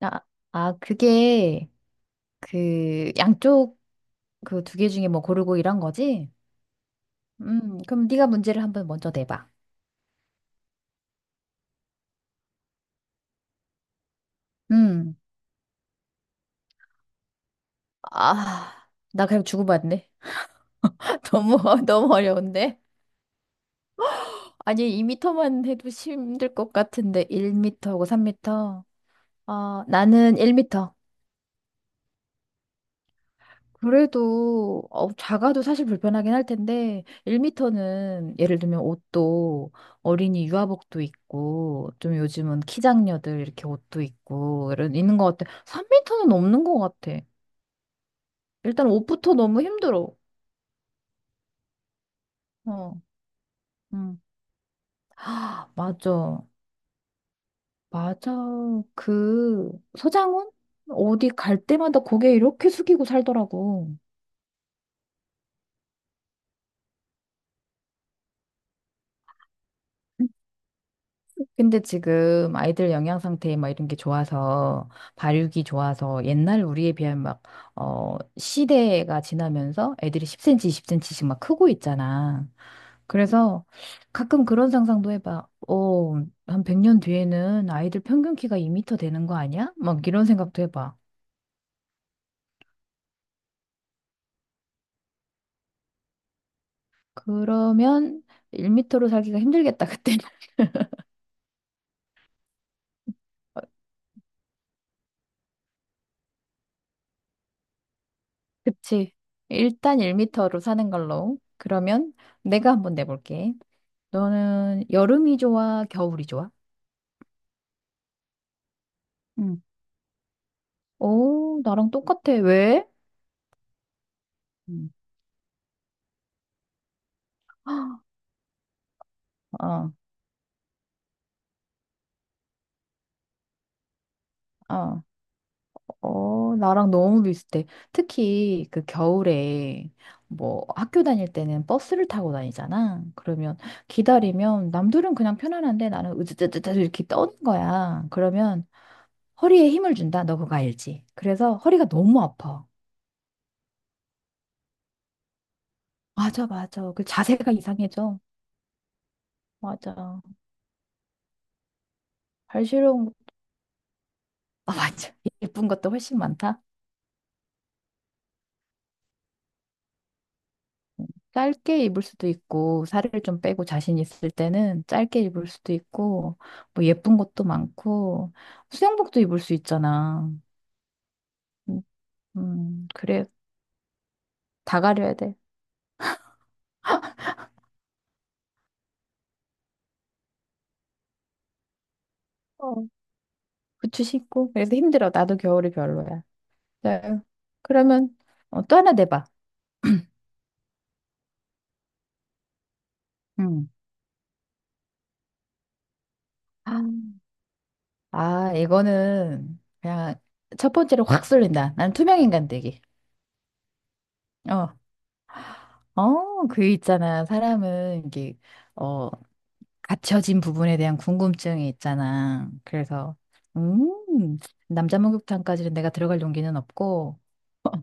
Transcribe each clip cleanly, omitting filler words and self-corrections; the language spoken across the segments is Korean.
아, 아, 그게 그 양쪽 그 두 개 중에 뭐 고르고 이런 거지? 그럼 네가 문제를 한번 먼저 내봐. 음, 아, 나 그냥 주고받네. 너무 어려운데? 아니 2미터만 해도 힘들 것 같은데 1미터고 3미터. 어, 나는 1미터. 그래도 어, 작아도 사실 불편하긴 할 텐데 1미터는 예를 들면 옷도 어린이 유아복도 있고 좀 요즘은 키장녀들 이렇게 옷도 있고 이런 있는 것 같아. 3미터는 없는 것 같아. 일단 옷부터 너무 힘들어. 어, 음. 아, 맞아, 맞아. 그 서장훈 어디 갈 때마다 고개 이렇게 숙이고 살더라고. 근데 지금 아이들 영양 상태 막 이런 게 좋아서 발육이 좋아서 옛날 우리에 비하면 막, 어, 시대가 지나면서 애들이 10cm, 20cm씩 막 크고 있잖아. 그래서 가끔 그런 상상도 해봐. 어, 한 100년 뒤에는 아이들 평균 키가 2m 되는 거 아니야? 막 이런 생각도 해봐. 그러면 1m로 살기가 힘들겠다, 그때는. 그치. 일단 1m로 사는 걸로. 그러면 내가 한번 내볼게. 너는 여름이 좋아, 겨울이 좋아? 응, 오, 나랑 똑같아. 왜? 응, 어, 어, 어, 나랑 너무 비슷해. 특히 그 겨울에 뭐 학교 다닐 때는 버스를 타고 다니잖아. 그러면 기다리면 남들은 그냥 편안한데 나는 으드드드드 이렇게 떠는 거야. 그러면 허리에 힘을 준다. 너 그거 알지? 그래서 허리가 너무 아파. 맞아, 맞아. 그 자세가 이상해져. 맞아. 발시려운 거, 아, 맞아. 예쁜 것도 훨씬 많다. 짧게 입을 수도 있고, 살을 좀 빼고 자신 있을 때는 짧게 입을 수도 있고, 뭐 예쁜 것도 많고, 수영복도 입을 수 있잖아. 음, 그래. 다 가려야 돼. 어. 부츠 신고. 그래서 힘들어. 나도 겨울이 별로야. 자, 그러면 어, 또 하나 내봐. 음. 아, 아, 이거는 그냥 첫 번째로 확 쏠린다. 난 투명인간 되기. 어, 어, 그 있잖아. 사람은 이게, 어, 갇혀진 부분에 대한 궁금증이 있잖아. 그래서, 음, 남자 목욕탕까지는 내가 들어갈 용기는 없고,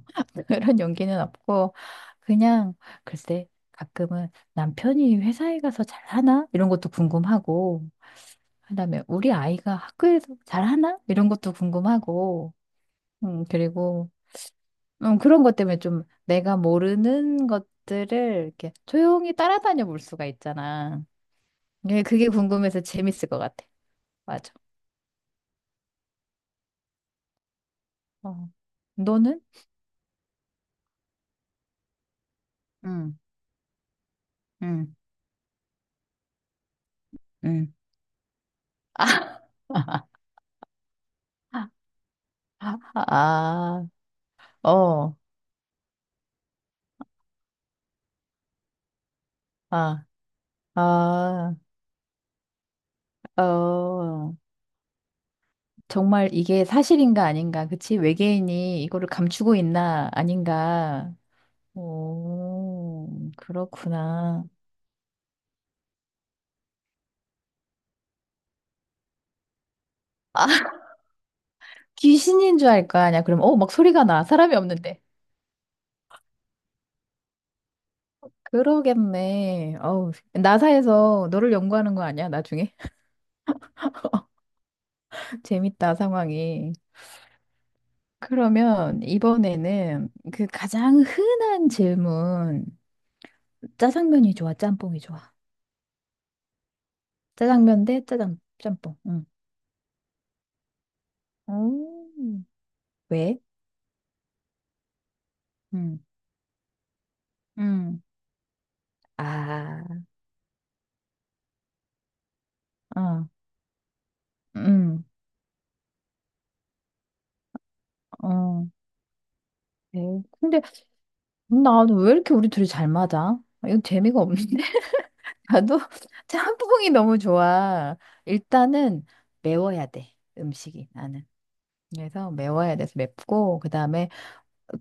그런 용기는 없고, 그냥, 글쎄, 가끔은 남편이 회사에 가서 잘하나? 이런 것도 궁금하고, 그다음에 우리 아이가 학교에서 잘하나? 이런 것도 궁금하고, 그리고, 그런 것 때문에 좀 내가 모르는 것들을 이렇게 조용히 따라다녀 볼 수가 있잖아. 예, 그게 궁금해서 재밌을 것 같아. 맞아. 어. 너는? 응, 응, 응. 아, 어, 아, 아, 어. 정말 이게 사실인가 아닌가, 그치? 외계인이 이거를 감추고 있나 아닌가. 오, 그렇구나. 아, 귀신인 줄 알 거 아니야. 그럼, 어, 막 소리가 나. 사람이 없는데. 그러겠네. 어우, 나사에서 너를 연구하는 거 아니야, 나중에? 재밌다, 상황이. 그러면 이번에는 그 가장 흔한 질문. 짜장면이 좋아, 짬뽕이 좋아. 짜장면 대 짬뽕. 응. 음. 왜? 응. 음. 아, 어, 응, 어. 네. 근데 나는 왜 이렇게 우리 둘이 잘 맞아? 아, 이건 재미가 없는데? 나도 짬뽕이 너무 좋아. 일단은 매워야 돼, 음식이 나는. 그래서 매워야 돼서 맵고 그다음에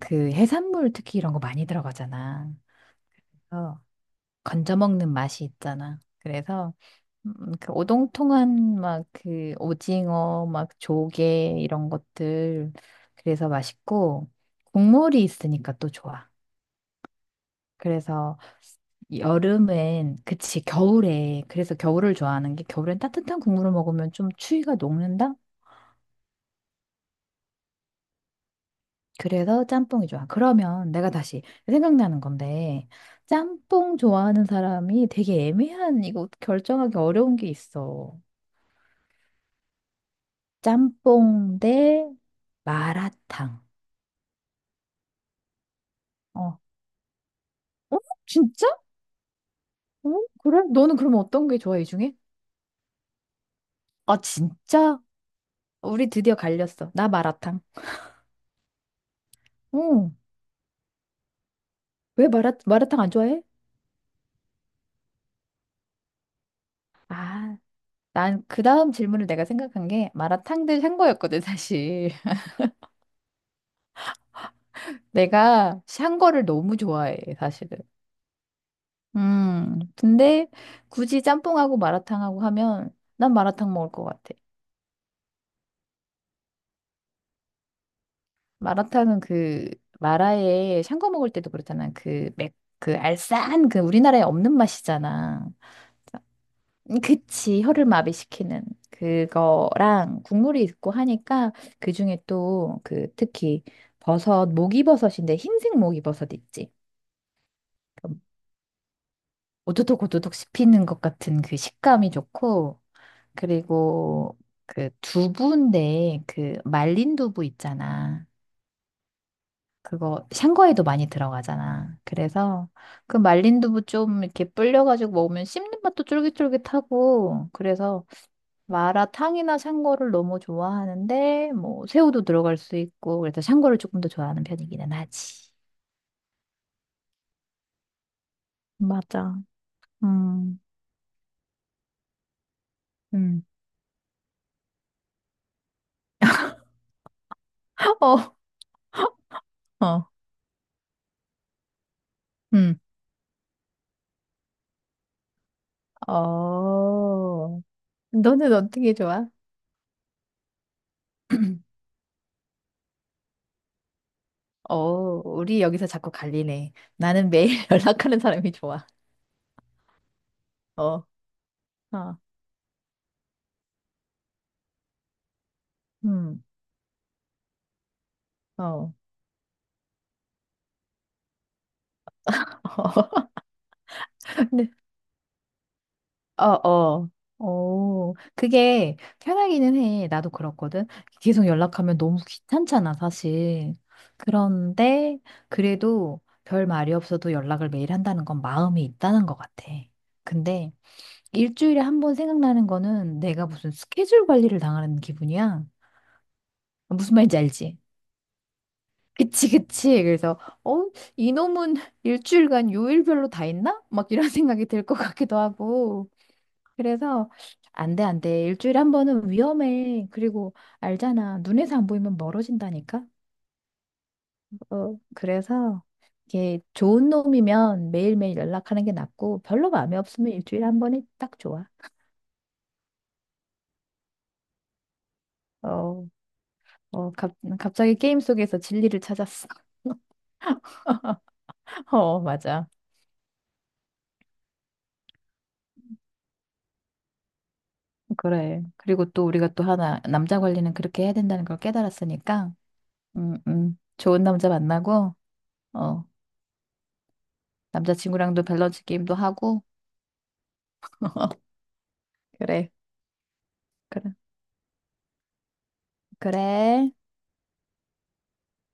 그 해산물 특히 이런 거 많이 들어가잖아. 그래서 건져 먹는 맛이 있잖아. 그래서 그 오동통한 막 그 오징어 막 조개 이런 것들 그래서 맛있고 국물이 있으니까 또 좋아. 그래서 여름엔 그치 겨울에 그래서 겨울을 좋아하는 게 겨울엔 따뜻한 국물을 먹으면 좀 추위가 녹는다? 그래서 짬뽕이 좋아. 그러면 내가 다시 생각나는 건데, 짬뽕 좋아하는 사람이 되게 애매한, 이거 결정하기 어려운 게 있어. 짬뽕 대 마라탕. 어. 어? 진짜? 어? 그래? 너는 그럼 어떤 게 좋아, 이 중에? 아, 진짜? 우리 드디어 갈렸어. 나 마라탕. 응. 왜 마라탕 안 좋아해? 아, 난 그 다음 질문을 내가 생각한 게 마라탕 대 샹궈였거든, 사실. 내가 샹궈를 너무 좋아해, 사실은. 근데 굳이 짬뽕하고 마라탕하고 하면 난 마라탕 먹을 것 같아. 마라탕은 그 마라에 샹궈 먹을 때도 그렇잖아. 그 맥, 그 알싸한 그 우리나라에 없는 맛이잖아. 그치, 혀를 마비시키는 그거랑 국물이 있고 하니까 그중에 또 그 특히 버섯, 목이버섯인데 흰색 목이버섯 있지. 그 오도독 오도독 씹히는 것 같은 그 식감이 좋고 그리고 그 두부인데 그 말린 두부 있잖아. 그거 샹궈에도 많이 들어가잖아. 그래서 그 말린 두부 좀 이렇게 불려가지고 먹으면 씹는 맛도 쫄깃쫄깃하고 그래서 마라탕이나 샹궈를 너무 좋아하는데 뭐 새우도 들어갈 수 있고 그래서 샹궈를 조금 더 좋아하는 편이기는 하지. 맞아. 음. 음. 어. 어. 음. 어. 너는 어떻게 좋아? 어, 우리 여기서 자꾸 갈리네. 나는 매일 연락하는 사람이 좋아. 어, 어, 음, 어, 어, 근데, 어, 어, 어, 그게 편하기는 해. 나도 그렇거든. 계속 연락하면 너무 귀찮잖아, 사실. 그런데, 그래도 별 말이 없어도 연락을 매일 한다는 건 마음이 있다는 것 같아. 근데, 일주일에 한 번 생각나는 거는 내가 무슨 스케줄 관리를 당하는 기분이야. 무슨 말인지 알지? 그치, 그치. 그래서, 어, 이놈은 일주일간 요일별로 다 있나 막 이런 생각이 들 것 같기도 하고. 그래서, 안 돼, 안 돼. 일주일에 한 번은 위험해. 그리고, 알잖아. 눈에서 안 보이면 멀어진다니까? 어, 그래서, 이게 좋은 놈이면 매일매일 연락하는 게 낫고, 별로 마음에 없으면 일주일에 한 번이 딱 좋아. 어, 어, 갑자기 게임 속에서 진리를 찾았어. 어, 맞아. 그래. 그리고 또 우리가 또 하나, 남자 관리는 그렇게 해야 된다는 걸 깨달았으니까, 좋은 남자 만나고, 어, 남자친구랑도 밸런스 게임도 하고, 그래. 그래. 그래.